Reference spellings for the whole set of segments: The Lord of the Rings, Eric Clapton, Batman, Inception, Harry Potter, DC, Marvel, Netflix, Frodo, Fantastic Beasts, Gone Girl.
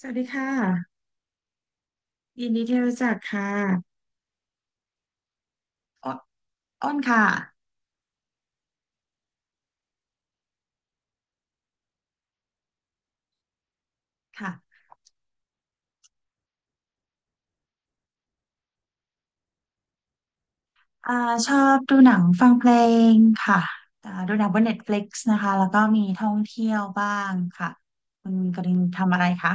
สวัสดีค่ะยินดีที่รู้จักค่ะ อ้นอ้นค่ะค่ะอ่าชอบดูหนังฟังเพลงค่ะดูหนังบน Netflix นตฟลิกซ์นะคะแล้วก็มีท่องเที่ยวบ้างค่ะคุณกรินทำอะไรคะ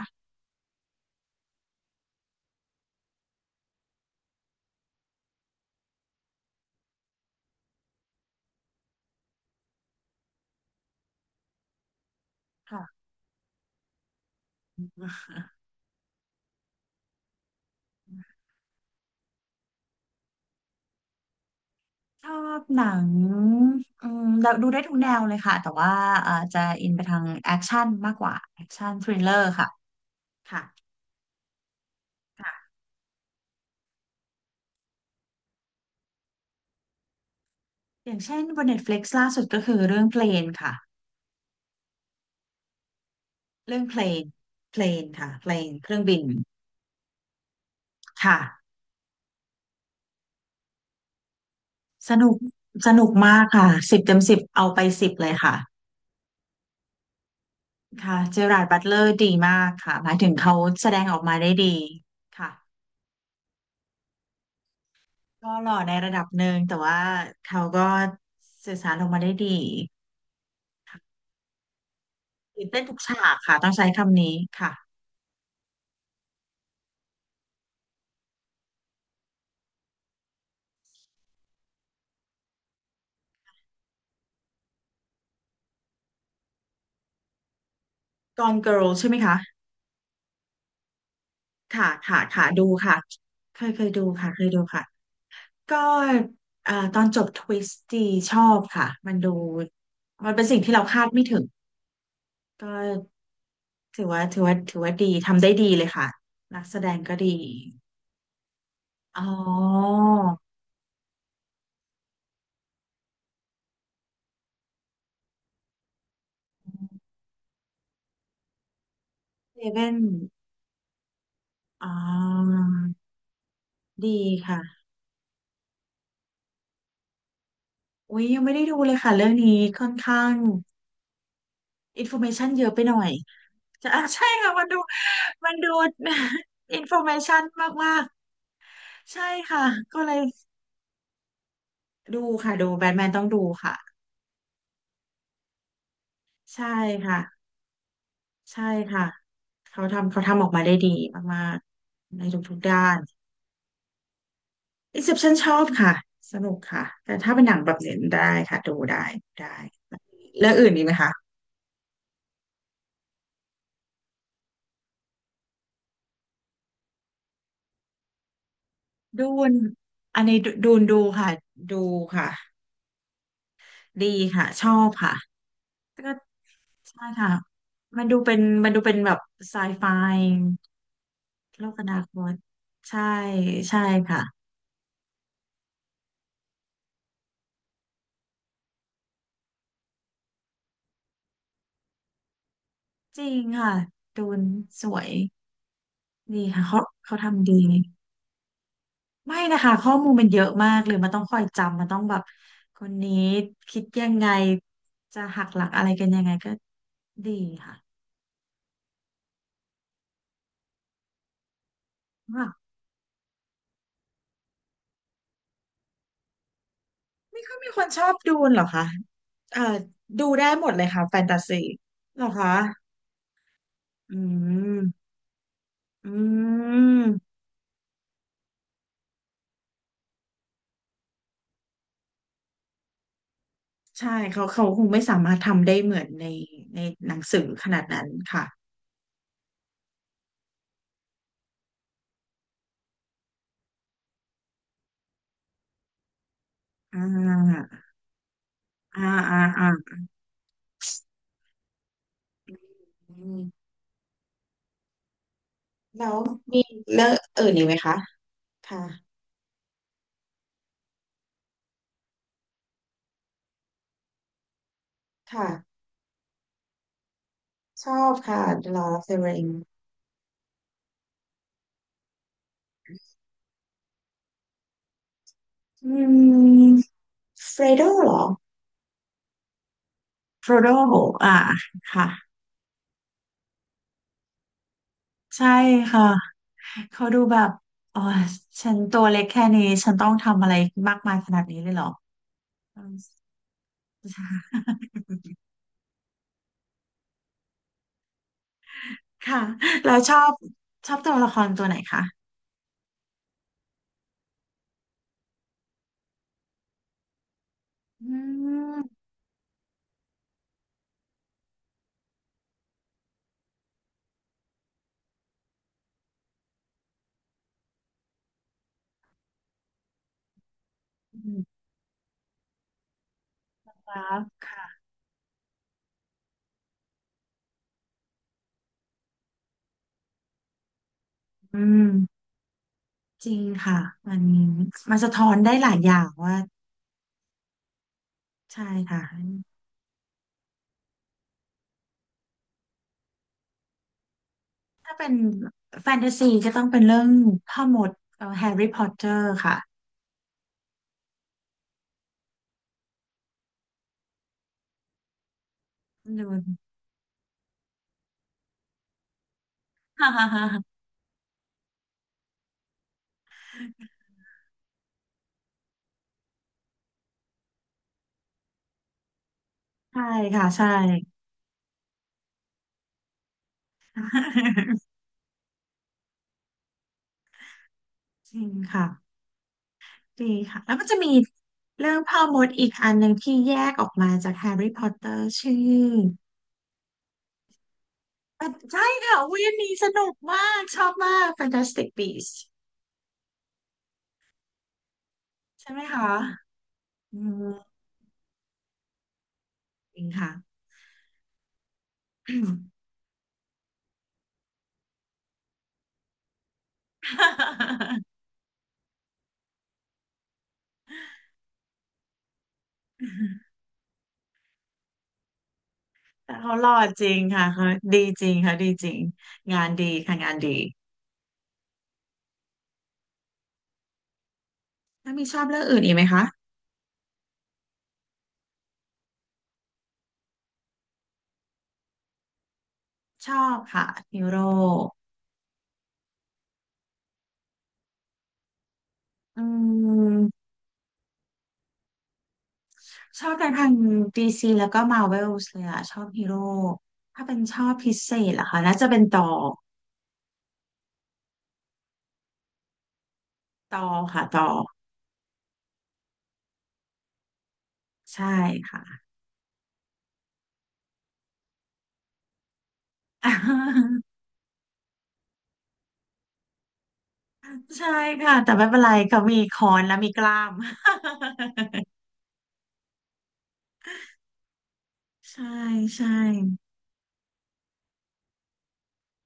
ค่ะ ชอบหนังเราดูได้ทุกแนวเลยค่ะแต่ว่าจะอินไปทางแอคชั่นมากกว่า แอคชั่นทริลเลอร์ค่ะค่ะค่ะอย่างเช่นบน Netflix ลกซ์ล่าสุดก็คือเรื่องเพลนค่ะเรื่องเพลนเพลนค่ะเพลนเครื่องบิน ค่ะสนุกสนุกมากค่ะสิบเต็มสิบเอาไปสิบเลยค่ะค่ะเจอราร์ดบัตเลอร์ดีมากค่ะหมายถึงเขาแสดงออกมาได้ดีค่ะก็หล่อในระดับหนึ่งแต่ว่าเขาก็สื่อสารออกมาได้ดีค่ะตื่นเต้นทุกฉากค่ะต้องใช้คำนี้ค่ะ Gone Girl ใช่ไหมคะค่ะค่ะค่ะดูค่ะเคยดูค่ะเคยดูค่ะก็ตอนจบทวิสต์ดีชอบค่ะมันดูมันเป็นสิ่งที่เราคาดไม่ถึงก็ ถือว่าดีทำได้ดีเลยค่ะนักแสดงก็ดีอ๋อเซเว่นอ๋อดีค่ะอุ้ยยังไม่ได้ดูเลยค่ะเรื่องนี้ค่อนข้างอินโฟเมชันเยอะไปหน่อยจะอ่ะใช่ค่ะมันดูมันดู อินโฟเมชันมากๆใช่ค่ะก็เลยดูค่ะดูแบทแมนต้องดูค่ะใช่ค่ะใช่ค่ะเขาทำออกมาได้ดีมากๆในทุกๆด้าน Inception ชอบค่ะสนุกค่ะแต่ถ้าเป็นหนังแบบเนี้ได้ค่ะดูได้ได้แล้วอื่นอีกไหมคะดูนอันนี้ดูดูนดูค่ะดูค่ะดีค่ะชอบค่ะก็ใช่ค่ะมันดูเป็นแบบไซไฟโลกอนาคตใช่ใช่ค่ะจริงค่ะดูนสวยดีค่ะเขาเขาทำดี ไม่นะคะข้อมูลมันเยอะมากเลยมันต้องคอยจำมันต้องแบบคนนี้คิดยังไงจะหักหลักอะไรกันยังไงก็ดีค่ะค่ะก็มีคนชอบดูเหรอคะเอ่อดูได้หมดเลยค่ะแฟนตาซีเหรอคะอืมอืมใช่เขาคงไม่สามารถทำได้เหมือนในในหนังสือขนาดนั้นค่ะอ่าอ่าอ่าอ่าอืมแล้วมีเรื่องอื่นอีกไหมคะค่ะค่ะ ชอบค่ะ The Lord of the Ring อืมเฟรโดเหรอโฟรโดอ่าค่ะใช่ค่ะเขาดูแบบอ๋อฉันตัวเล็กแค่นี้ฉันต้องทำอะไรมากมายขนาดนี้เลยเหรออืมค่ะเราชอบชอบตัวละครตัวไหนคะอืมครับค่ะอืมจริงค่ะมันมันสะท้อนได้หลายอย่างว่าใช่ค่ะ เป็นแฟนตาซีก็ต้องเป็นเรื่องพ่อมดแฮร์รี่พอตเตอร์ค่ะดูฮ่าฮ่าฮ่าใช่ค่ะใช่จริงค่ะดีค่ะแล้วมันจะมีเรื่องพ่อมดอีกอันหนึ่งที่แยกออกมาจากแฮร์รี่พอตเตอร์ชื่ออ่ะใช่ค่ะอุ้ยอันนี้สนุกมากชอบมาก Fantastic Beasts ใช่ไหมคะอืมจริงค่ะ แต่เขาหล่อจริงค่ะเขาดีจริงค่ะดีจริงงานดีค่ะงานดีถ้ามีชอบเรื่องอื่นอีกไหมคะชอบค่ะฮีโร่อืมชอบแต่ทางดีซีแล้วก็มาเวลส์เลยอะชอบฮีโร่ถ้าเป็นชอบพิเศษเหรอคะน่าจะเป็นต่อต่อค่ะต่อใช่ค่ะ ใช่ค่ะแต่ไม่เป็นไรเขามีคอนและมีกล้าม ใช่ใช่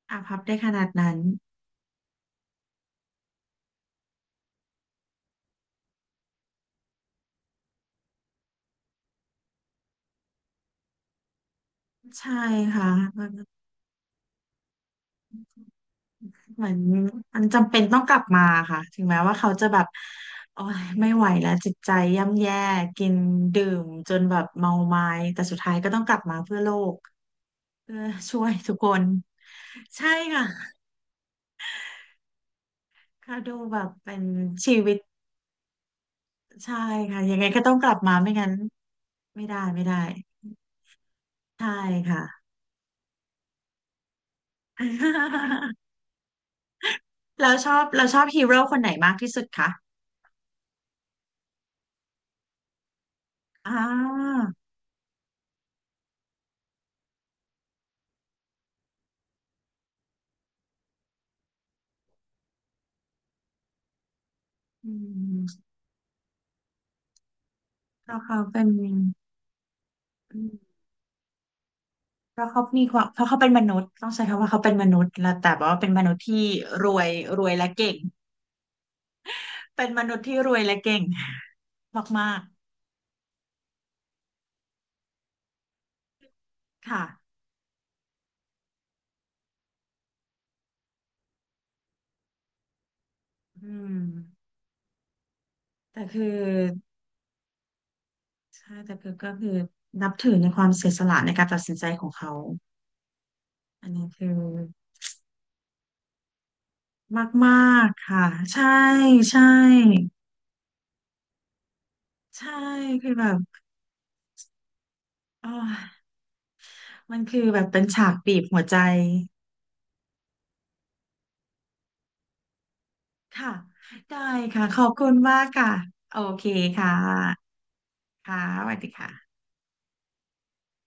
อาพับได้ขนาดนั้นใช่ค่ะ เหมือนมันจำเป็นต้องกลับมาค่ะถึงแม้ว่าเขาจะแบบโอ้ยไม่ไหวแล้วจิตใจย่ำแย่กินดื่มจนแบบเมาไม้แต่สุดท้ายก็ต้องกลับมาเพื่อโลกเพื่อช่วยทุกคนใช่ค่ะค่ะดูแบบเป็นชีวิตใช่ค่ะยังไงก็ต้องกลับมาไม่งั้นไม่ได้ไม่ได้ใช่ค่ะ แล้วชอบเราชอบฮีโร่คนไหนมากที่สุดคะอ่าอืมเพราะเขาเป็น เพราะเขาเป็นมนุษย์ต้องใช้คำว่าเขาเป็นมนุษย์แล้วแต่ว่าเป็นมนุษย์ที่รวยรวยและเก่งเป็นมนุษย์ที่รวยและเก่ง มากๆค่ะอืมแต่คือใช่แต่คือก็คือนับถือในความเสียสละในการตัดสินใจของเขาอันนี้คือมากๆค่ะใช่ใช่ใช่คือแบบอ๋อมันคือแบบเป็นฉากบีบหัวใจค่ะได้ค่ะขอบคุณมากค่ะโอเคค่ะ ค่ะสวัสดีค่ะ